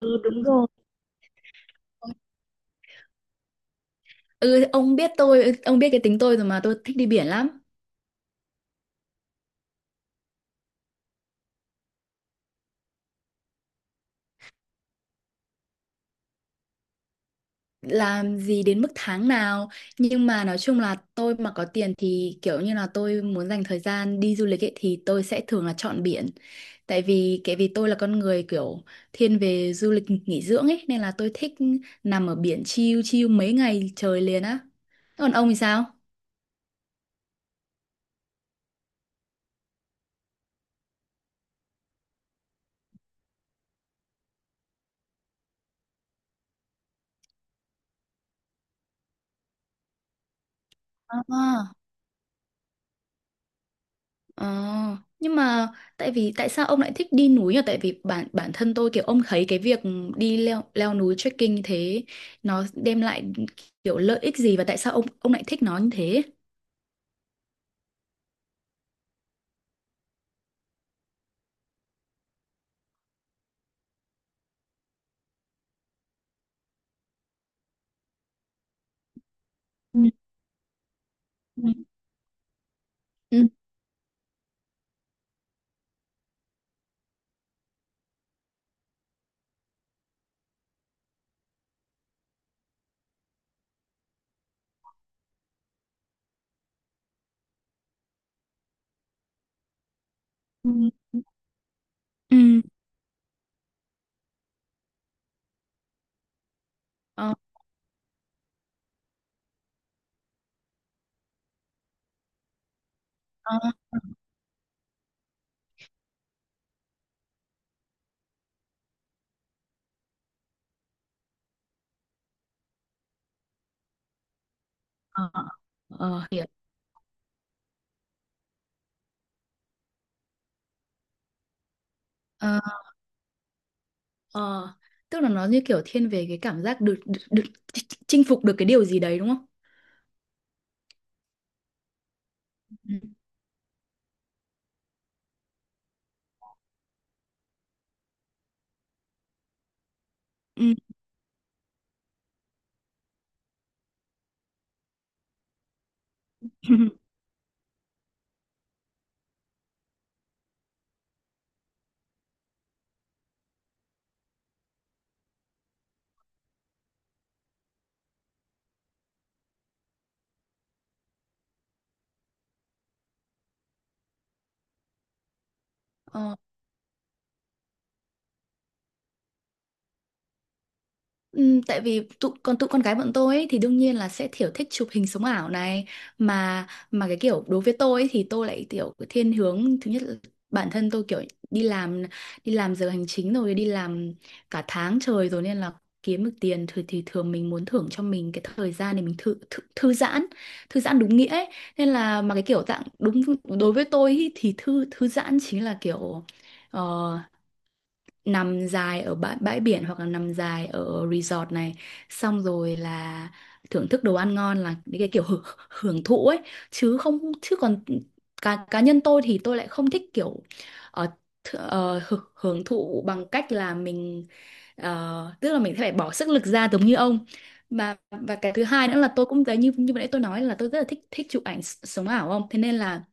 Ừ, đúng rồi. Ừ, ông biết tôi, ông biết cái tính tôi rồi mà tôi thích đi biển lắm. Làm gì đến mức tháng nào, nhưng mà nói chung là tôi mà có tiền thì kiểu như là tôi muốn dành thời gian đi du lịch ấy thì tôi sẽ thường là chọn biển. Tại vì tôi là con người kiểu thiên về du lịch nghỉ dưỡng ấy nên là tôi thích nằm ở biển chill chill mấy ngày trời liền á. Còn ông thì sao? À. Ờ, nhưng mà tại vì tại sao ông lại thích đi núi nhỉ? Tại vì bản bản thân tôi kiểu ông thấy cái việc đi leo leo núi trekking như thế nó đem lại kiểu lợi ích gì và tại sao ông lại thích nó như thế? Ừ, ừ, ừ, ừ, ừ. Ờ, ờ, ờ, ờ, hiểu. Ờ, ờ. Tức là nó như kiểu thiên về cái cảm giác được chinh phục được cái điều gì đấy đúng không? Ừ. Ừ. Ờ. Tại vì còn tụi con gái bọn tôi ấy, thì đương nhiên là sẽ kiểu thích chụp hình sống ảo này mà cái kiểu đối với tôi ấy, thì tôi lại kiểu cái thiên hướng thứ nhất là bản thân tôi kiểu đi làm đi làm giờ hành chính rồi đi làm cả tháng trời rồi nên là kiếm được tiền thì thường mình muốn thưởng cho mình cái thời gian để mình thư giãn thư giãn đúng nghĩa ấy. Nên là mà cái kiểu dạng đúng đối với tôi ý, thì thư thư giãn chính là kiểu ờ, nằm dài ở bãi biển hoặc là nằm dài ở resort này xong rồi là thưởng thức đồ ăn ngon là những cái kiểu hưởng thụ ấy chứ không chứ còn cá cá nhân tôi thì tôi lại không thích kiểu ờ, hưởng thụ bằng cách là mình tức là mình sẽ phải bỏ sức lực ra giống như ông và cái thứ hai nữa là tôi cũng thấy như như vừa nãy tôi nói là tôi rất là thích thích chụp ảnh sống ảo không thế nên là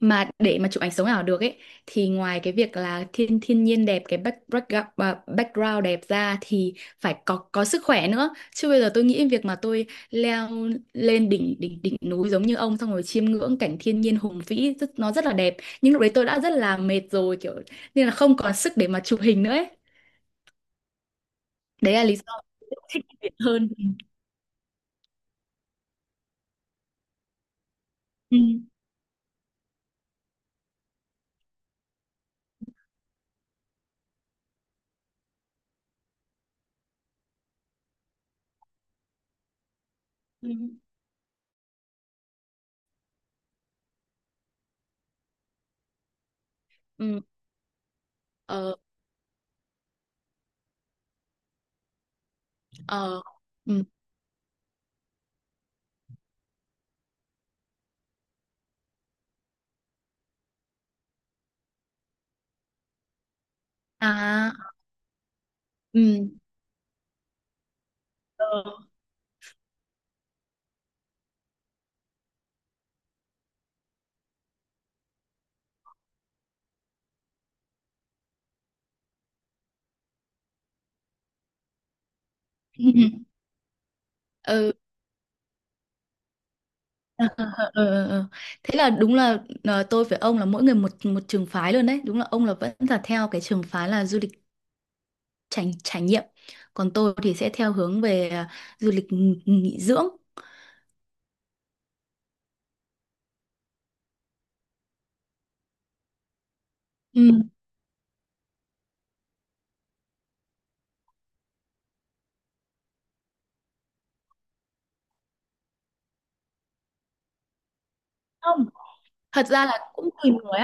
mà để mà chụp ảnh sống ảo được ấy thì ngoài cái việc là thiên thiên nhiên đẹp cái background đẹp ra thì phải có sức khỏe nữa chứ bây giờ tôi nghĩ việc mà tôi leo lên đỉnh đỉnh đỉnh núi giống như ông xong rồi chiêm ngưỡng cảnh thiên nhiên hùng vĩ nó rất là đẹp nhưng lúc đấy tôi đã rất là mệt rồi kiểu nên là không còn sức để mà chụp hình nữa ấy. Đấy là lý do tôi thích biển hơn. Ừ. Ừ. Ừ. Ừ. Ờ. Ờ. Ừ. À, ừ. Ờ. Ừ. Ừ. Ờ, ờ, ờ, ờ, ờ. Thế là đúng là tôi với ông là mỗi người một một trường phái luôn đấy. Đúng là ông là vẫn là theo cái trường phái là du lịch trải trải nghiệm, còn tôi thì sẽ theo hướng về du lịch nghỉ nghỉ dưỡng. Ừ. Không, thật ra là cũng tùy người.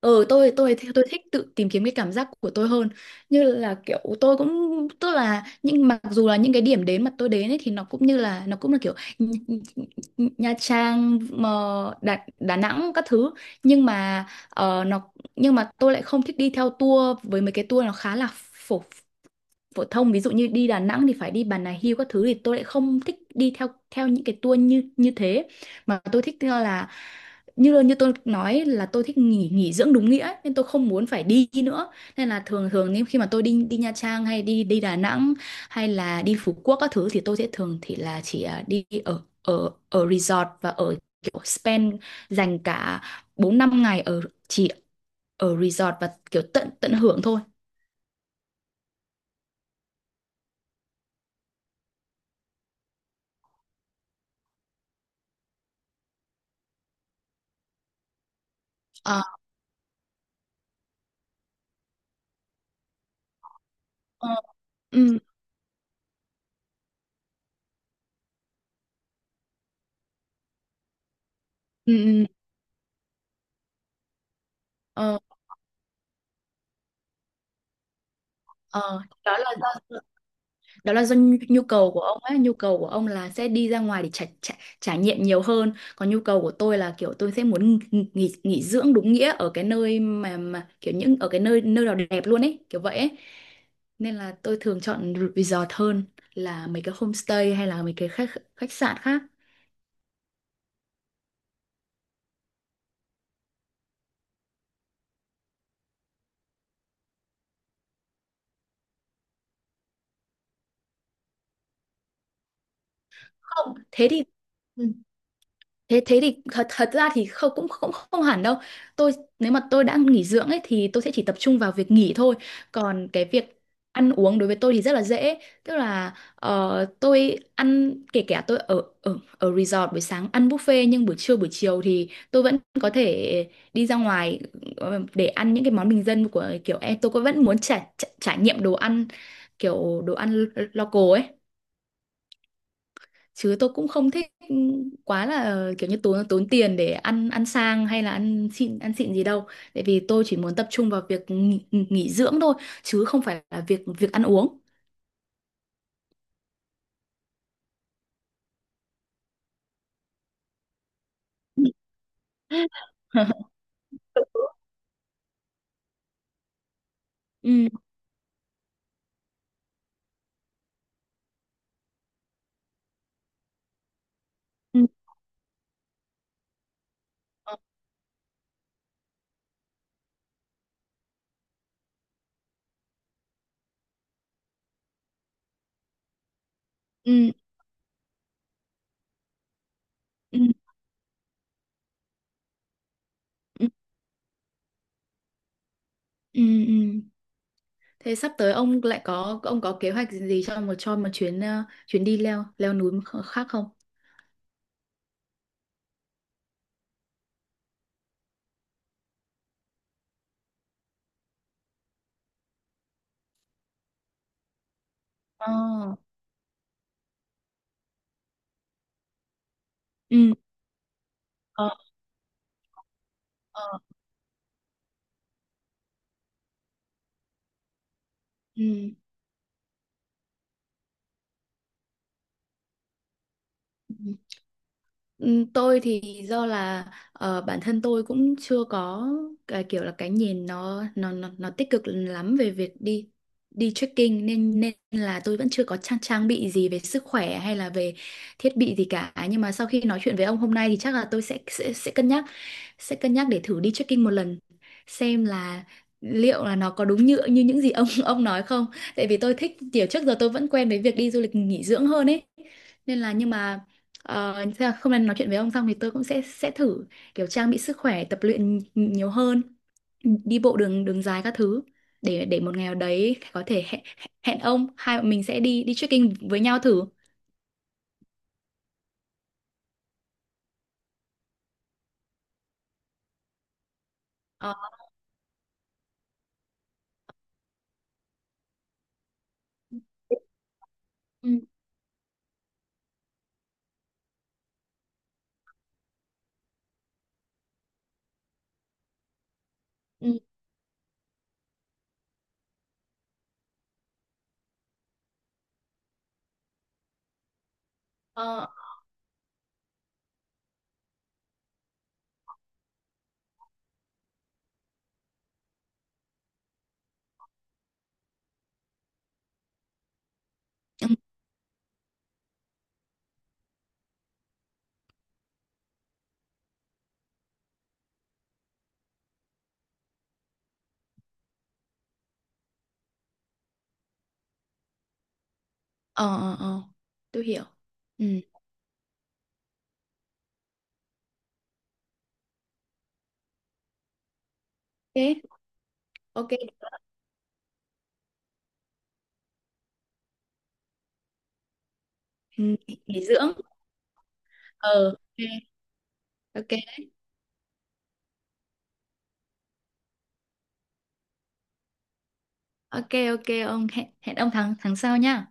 Ừ, tôi thích tự tìm kiếm cái cảm giác của tôi hơn như là kiểu tôi cũng tức là nhưng mặc dù là những cái điểm đến mà tôi đến ấy, thì nó cũng như là nó cũng là kiểu Nh- Nh- Nha Trang mà Đà Nẵng các thứ nhưng mà ờ, nó nhưng mà tôi lại không thích đi theo tour với mấy cái tour nó khá là phổ phổ thông ví dụ như đi Đà Nẵng thì phải đi Bà Nà Hills các thứ thì tôi lại không thích đi theo theo những cái tour như như thế mà tôi thích là như như tôi nói là tôi thích nghỉ nghỉ dưỡng đúng nghĩa ấy, nên tôi không muốn phải đi nữa nên là thường thường nếu khi mà tôi đi đi Nha Trang hay đi đi Đà Nẵng hay là đi Phú Quốc các thứ thì tôi sẽ thường thì là chỉ đi ở ở ở resort và ở kiểu spend dành cả 4 5 ngày ở chỉ ở resort và kiểu tận tận hưởng thôi. Ờ, ờ, ừ, ừ, ừ. Ờ, ờ, đó là do đó là do nhu nhu cầu của ông ấy, nhu cầu của ông là sẽ đi ra ngoài để trải nghiệm nhiều hơn, còn nhu cầu của tôi là kiểu tôi sẽ muốn nghỉ dưỡng đúng nghĩa ở cái nơi mà kiểu những ở cái nơi nơi nào đẹp luôn ấy, kiểu vậy ấy. Nên là tôi thường chọn resort hơn là mấy cái homestay hay là mấy cái khách khách sạn khác. Không, thế thì thật thật ra thì không cũng cũng không hẳn đâu tôi nếu mà tôi đã nghỉ dưỡng ấy thì tôi sẽ chỉ tập trung vào việc nghỉ thôi còn cái việc ăn uống đối với tôi thì rất là dễ tức là tôi ăn kể cả tôi ở ở ở resort buổi sáng ăn buffet nhưng buổi trưa buổi chiều thì tôi vẫn có thể đi ra ngoài để ăn những cái món bình dân của kiểu em tôi cũng vẫn muốn trải trải trải nghiệm đồ ăn kiểu đồ ăn local ấy chứ tôi cũng không thích quá là kiểu như tốn tốn tiền để ăn ăn sang hay là ăn xịn gì đâu tại vì tôi chỉ muốn tập trung vào việc nghỉ dưỡng thôi chứ không phải là việc việc ăn uống. Ừ, ừ, ừ, ừ, ừ, ừ. Thế sắp tới ông có kế hoạch gì cho một chuyến đi leo leo núi khác không? Ờ. Ừ. Ờ, ờ. Ừ. Ừ. Ừ, tôi thì do là bản thân tôi cũng chưa có cái kiểu là cái nhìn nó tích cực lắm về việc đi đi trekking nên nên là tôi vẫn chưa có trang trang bị gì về sức khỏe hay là về thiết bị gì cả nhưng mà sau khi nói chuyện với ông hôm nay thì chắc là tôi sẽ cân nhắc để thử đi trekking một lần xem là liệu là nó có đúng như như những gì ông ông nói không tại vì tôi thích kiểu trước giờ tôi vẫn quen với việc đi du lịch nghỉ dưỡng hơn ấy nên là nhưng mà thế là hôm nay nói chuyện với ông xong thì tôi cũng sẽ thử kiểu trang bị sức khỏe tập luyện nhiều hơn đi bộ đường đường dài các thứ để một ngày nào đấy có thể hẹn hẹn ông hai bọn mình sẽ đi đi trekking với nhau thử. Ờ, ừ, ừ, ờ, ừ, ờ, ờ, ờ, tôi hiểu. Ừ. Thế ok. Ừ, nghỉ dưỡng. Ờ, ok, ok, ok, ok, ông hẹn hẹn ông tháng tháng sau nhá.